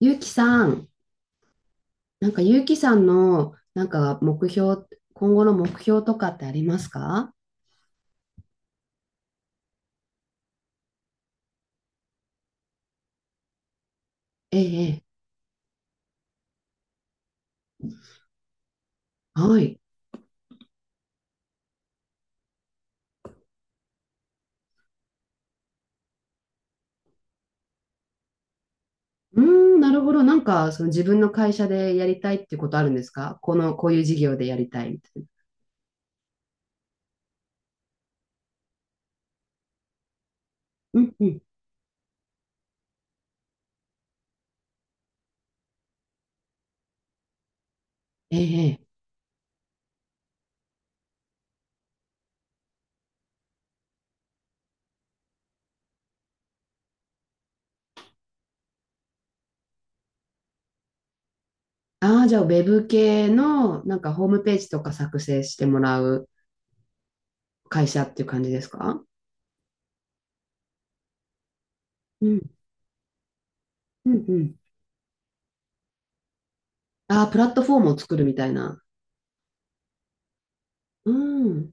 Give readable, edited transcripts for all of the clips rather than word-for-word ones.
ゆうきさん、ゆうきさんの、目標、今後の目標とかってありますか？ええ、ええ。はい。うーん、なるほど。その自分の会社でやりたいってことあるんですか？この、こういう事業でやりたいみたいな。うんうん。ええ、ええ。ああ、じゃあ、ウェブ系の、ホームページとか作成してもらう会社っていう感じですか？うん、うん、うん。ああ、プラットフォームを作るみたいな。うん。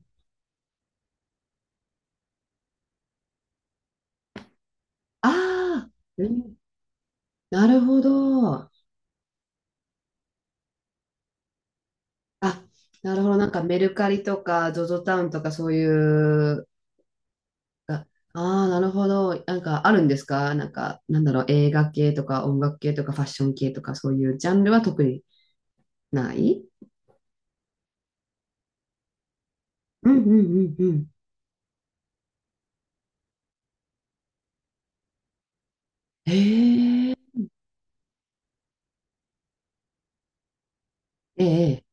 ああ、うん、なるほど。あ、なるほど。なんかメルカリとか、ゾゾタウンとかそういう、ああー、なるほど。なんかあるんですか？なんか、なんだろう、映画系とか音楽系とかファッション系とかそういうジャンルは特にない？うんうんうんうん。へえ、ええ、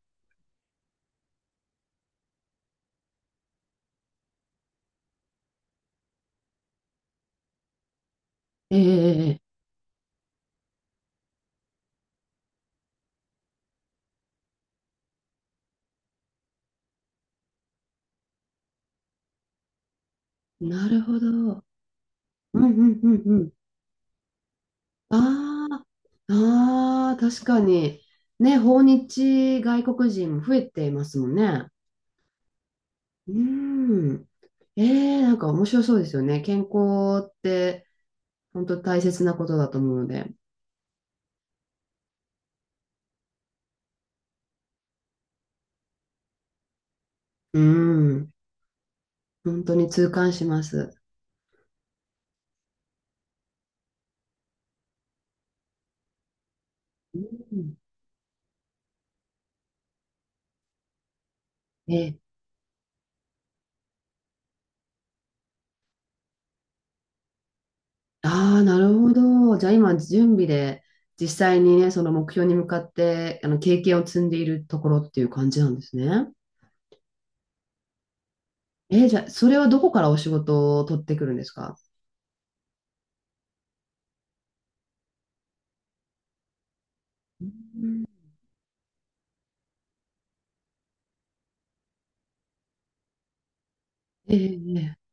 ええ、ええ、なるほど。うんうんうんうん。ああ、ああ、確かに。ね、訪日外国人も増えていますもんね。うーん。ええ、なんか面白そうですよね。健康って本当大切なことだと思うので。うん。本当に痛感します。うん。え、ああ、なるほど。じゃあ今、準備で実際にね、その目標に向かって、あの、経験を積んでいるところっていう感じなんですね。え、じゃあ、それはどこからお仕事を取ってくるんですか？ええ、ええ。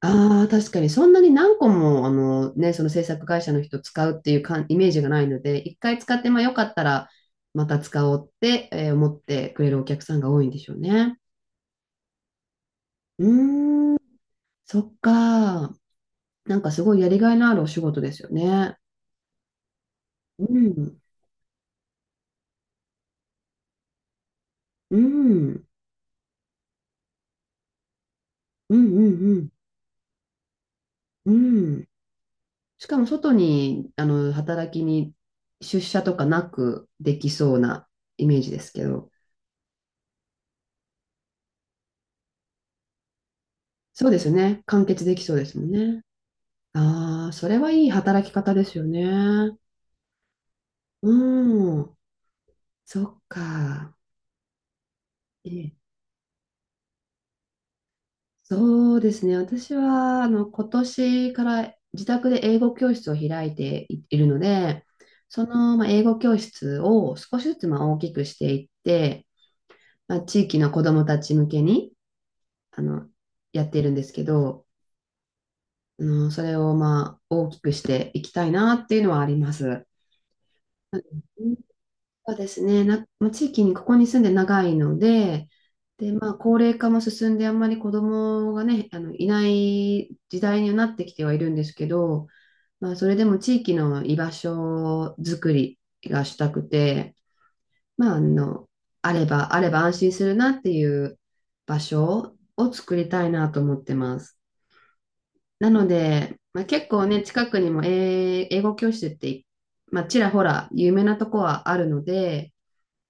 ああ、確かに、そんなに何個も、あのね、その制作会社の人使うっていうかイメージがないので、一回使って、まあよかったら、また使おうって、思ってくれるお客さんが多いんでしょうね。うーん、そっか。なんかすごいやりがいのあるお仕事ですよね。うん、うん、うん、うん、うん。うん、しかも外に、あの、働きに出社とかなくできそうなイメージですけど、そうですよね。完結できそうですもんね。ああ、それはいい働き方ですよね。うん、そっか。ええ、そうですね。私は、あの、今年から自宅で英語教室を開いていいるので、その、まあ、英語教室を少しずつ、まあ、大きくしていって、まあ、地域の子どもたち向けに、あの、やっているんですけど、うん、それを、まあ、大きくしていきたいなっていうのはあります。そうですね。な、まあ、地域にここに住んで長いので、で、まあ、高齢化も進んで、あんまり子供がね、あの、いない時代にはなってきてはいるんですけど、まあ、それでも地域の居場所づくりがしたくて、まあ、あの、あれば、あれば安心するなっていう場所を作りたいなと思ってます。なので、まあ、結構ね、近くにも英英語教室って、まあ、ちらほら有名なとこはあるので、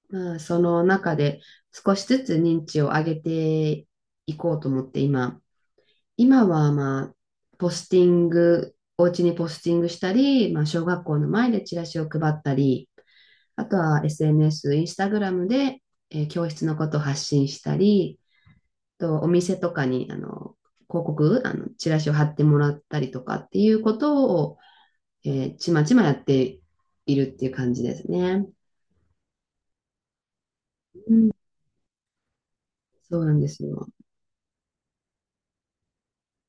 まあ、その中で少しずつ認知を上げていこうと思って今、今はまあ、ポスティング、お家にポスティングしたり、まあ、小学校の前でチラシを配ったり、あとは SNS、インスタグラムで、教室のことを発信したり、とお店とかにあの広告、あのチラシを貼ってもらったりとかっていうことを、えちまちまやっているっていう感じですね。うん、そうなんですよ。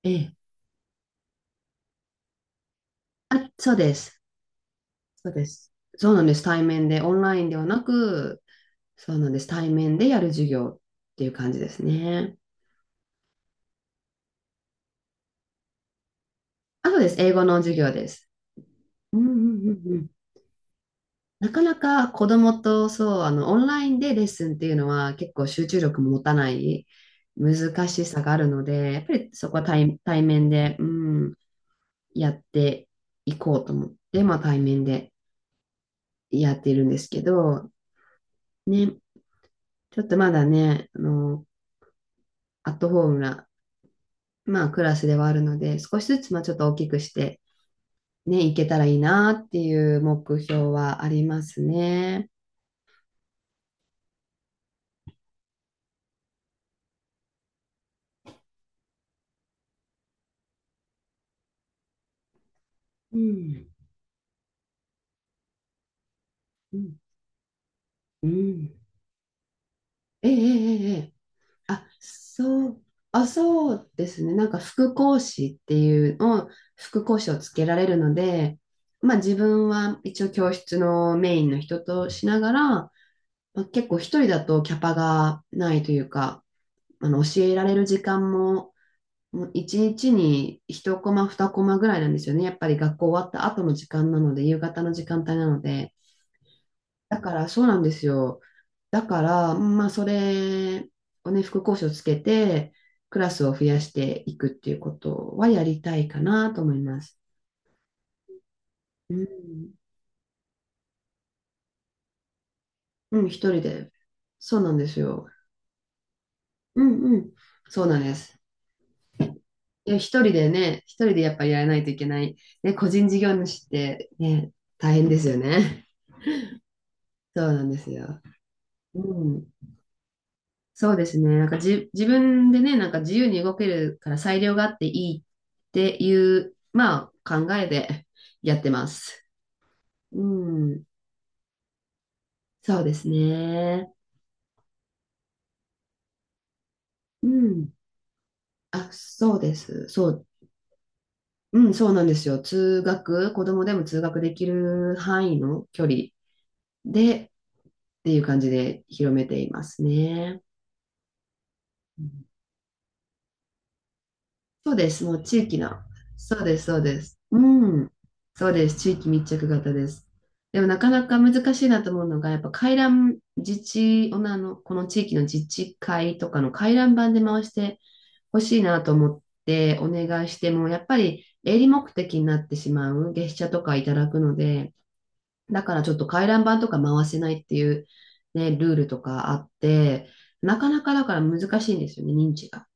ええ。あ、そうです。そうです。そうなんです。対面で、オンラインではなく、そうなんです。対面でやる授業っていう感じですね。あとです。英語の授業です。うんうんうんうん。なかなか子供と、そう、あの、オンラインでレッスンっていうのは結構集中力も持たない難しさがあるので、やっぱりそこは対、対面で、うん、やっていこうと思って、まあ対面でやっているんですけど、ね、ちょっとまだね、あの、アットホームな、まあ、クラスではあるので、少しずつ、まあ、ちょっと大きくして、ね、いけたらいいなっていう目標はありますね。うん、うん、うん。ええええええ。あ、そう、あ、そうですね。副講師っていうのを、副講師をつけられるので、まあ自分は一応教室のメインの人としながら、まあ、結構一人だとキャパがないというか、あの教えられる時間ももう一日に一コマ、二コマぐらいなんですよね。やっぱり学校終わった後の時間なので、夕方の時間帯なので。だからそうなんですよ。だから、まあそれをね、副講師をつけて、クラスを増やしていくっていうことはやりたいかなと思います。うん、うん、一人で。そうなんですよ。うんうん。そうなんです。いや、一人でね、一人でやっぱりやらないといけない。ね、個人事業主ってね、大変ですよね。そうなんですよ。うん。そうですね。なんかじ、自分でね、なんか自由に動けるから裁量があっていいっていう、まあ、考えでやってます。うん。そうですね。うん。あ、そうです。そう。うん、そうなんですよ。通学、子供でも通学できる範囲の距離でっていう感じで広めていますね。そうです。もう地域の。そうです、そうです。うん。そうです。地域密着型です。でもなかなか難しいなと思うのが、やっぱ回覧自治、あの、この地域の自治会とかの回覧板で回してほしいなと思ってお願いしても、やっぱり営利目的になってしまう月謝とかいただくので、だからちょっと回覧板とか回せないっていうね、ルールとかあって、なかなかだから難しいんですよね、認知が。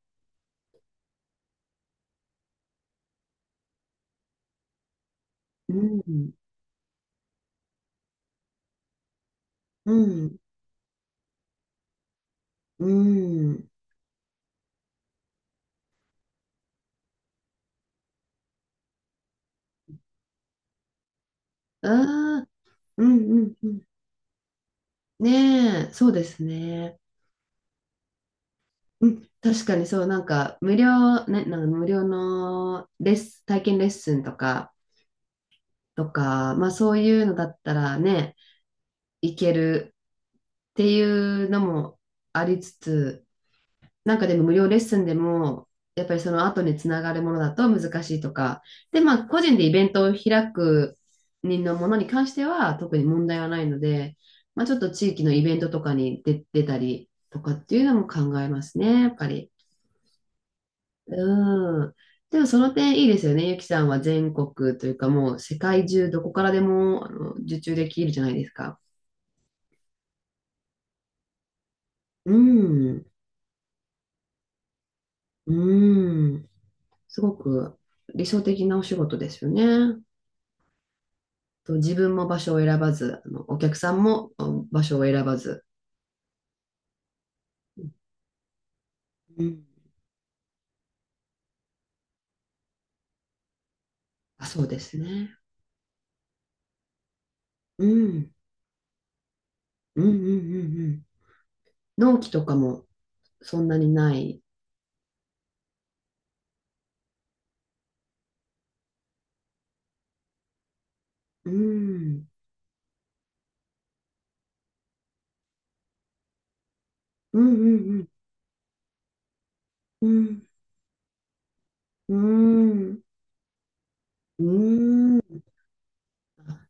うん。うん。うん。ああ、うんうんうん。ねえ、そうですね。うん、確かにそう、なんか無料、ね、なんか無料のレッス、体験レッスンとか、とか、まあそういうのだったらね、いけるっていうのもありつつ、なんかでも無料レッスンでも、やっぱりその後につながるものだと難しいとか、で、まあ、個人でイベントを開く人のものに関しては特に問題はないので、まあ、ちょっと地域のイベントとかに出、出たりとかっていうのも考えますね、やっぱり。うん。でもその点いいですよね。ゆきさんは全国というかもう世界中どこからでもあの受注できるじゃないですか。うん。うん。すごく理想的なお仕事ですよね。と自分も場所を選ばず、あのお客さんもうん場所を選ばず。うん。あ、そうですね。うん。うんうんうんうん、納期とかもそんなにない。うん。うんうんうんうん。うん。うん、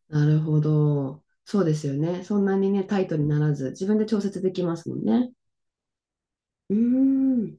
なるほど。そうですよね。そんなにね、タイトにならず、自分で調節できますもんね。うん。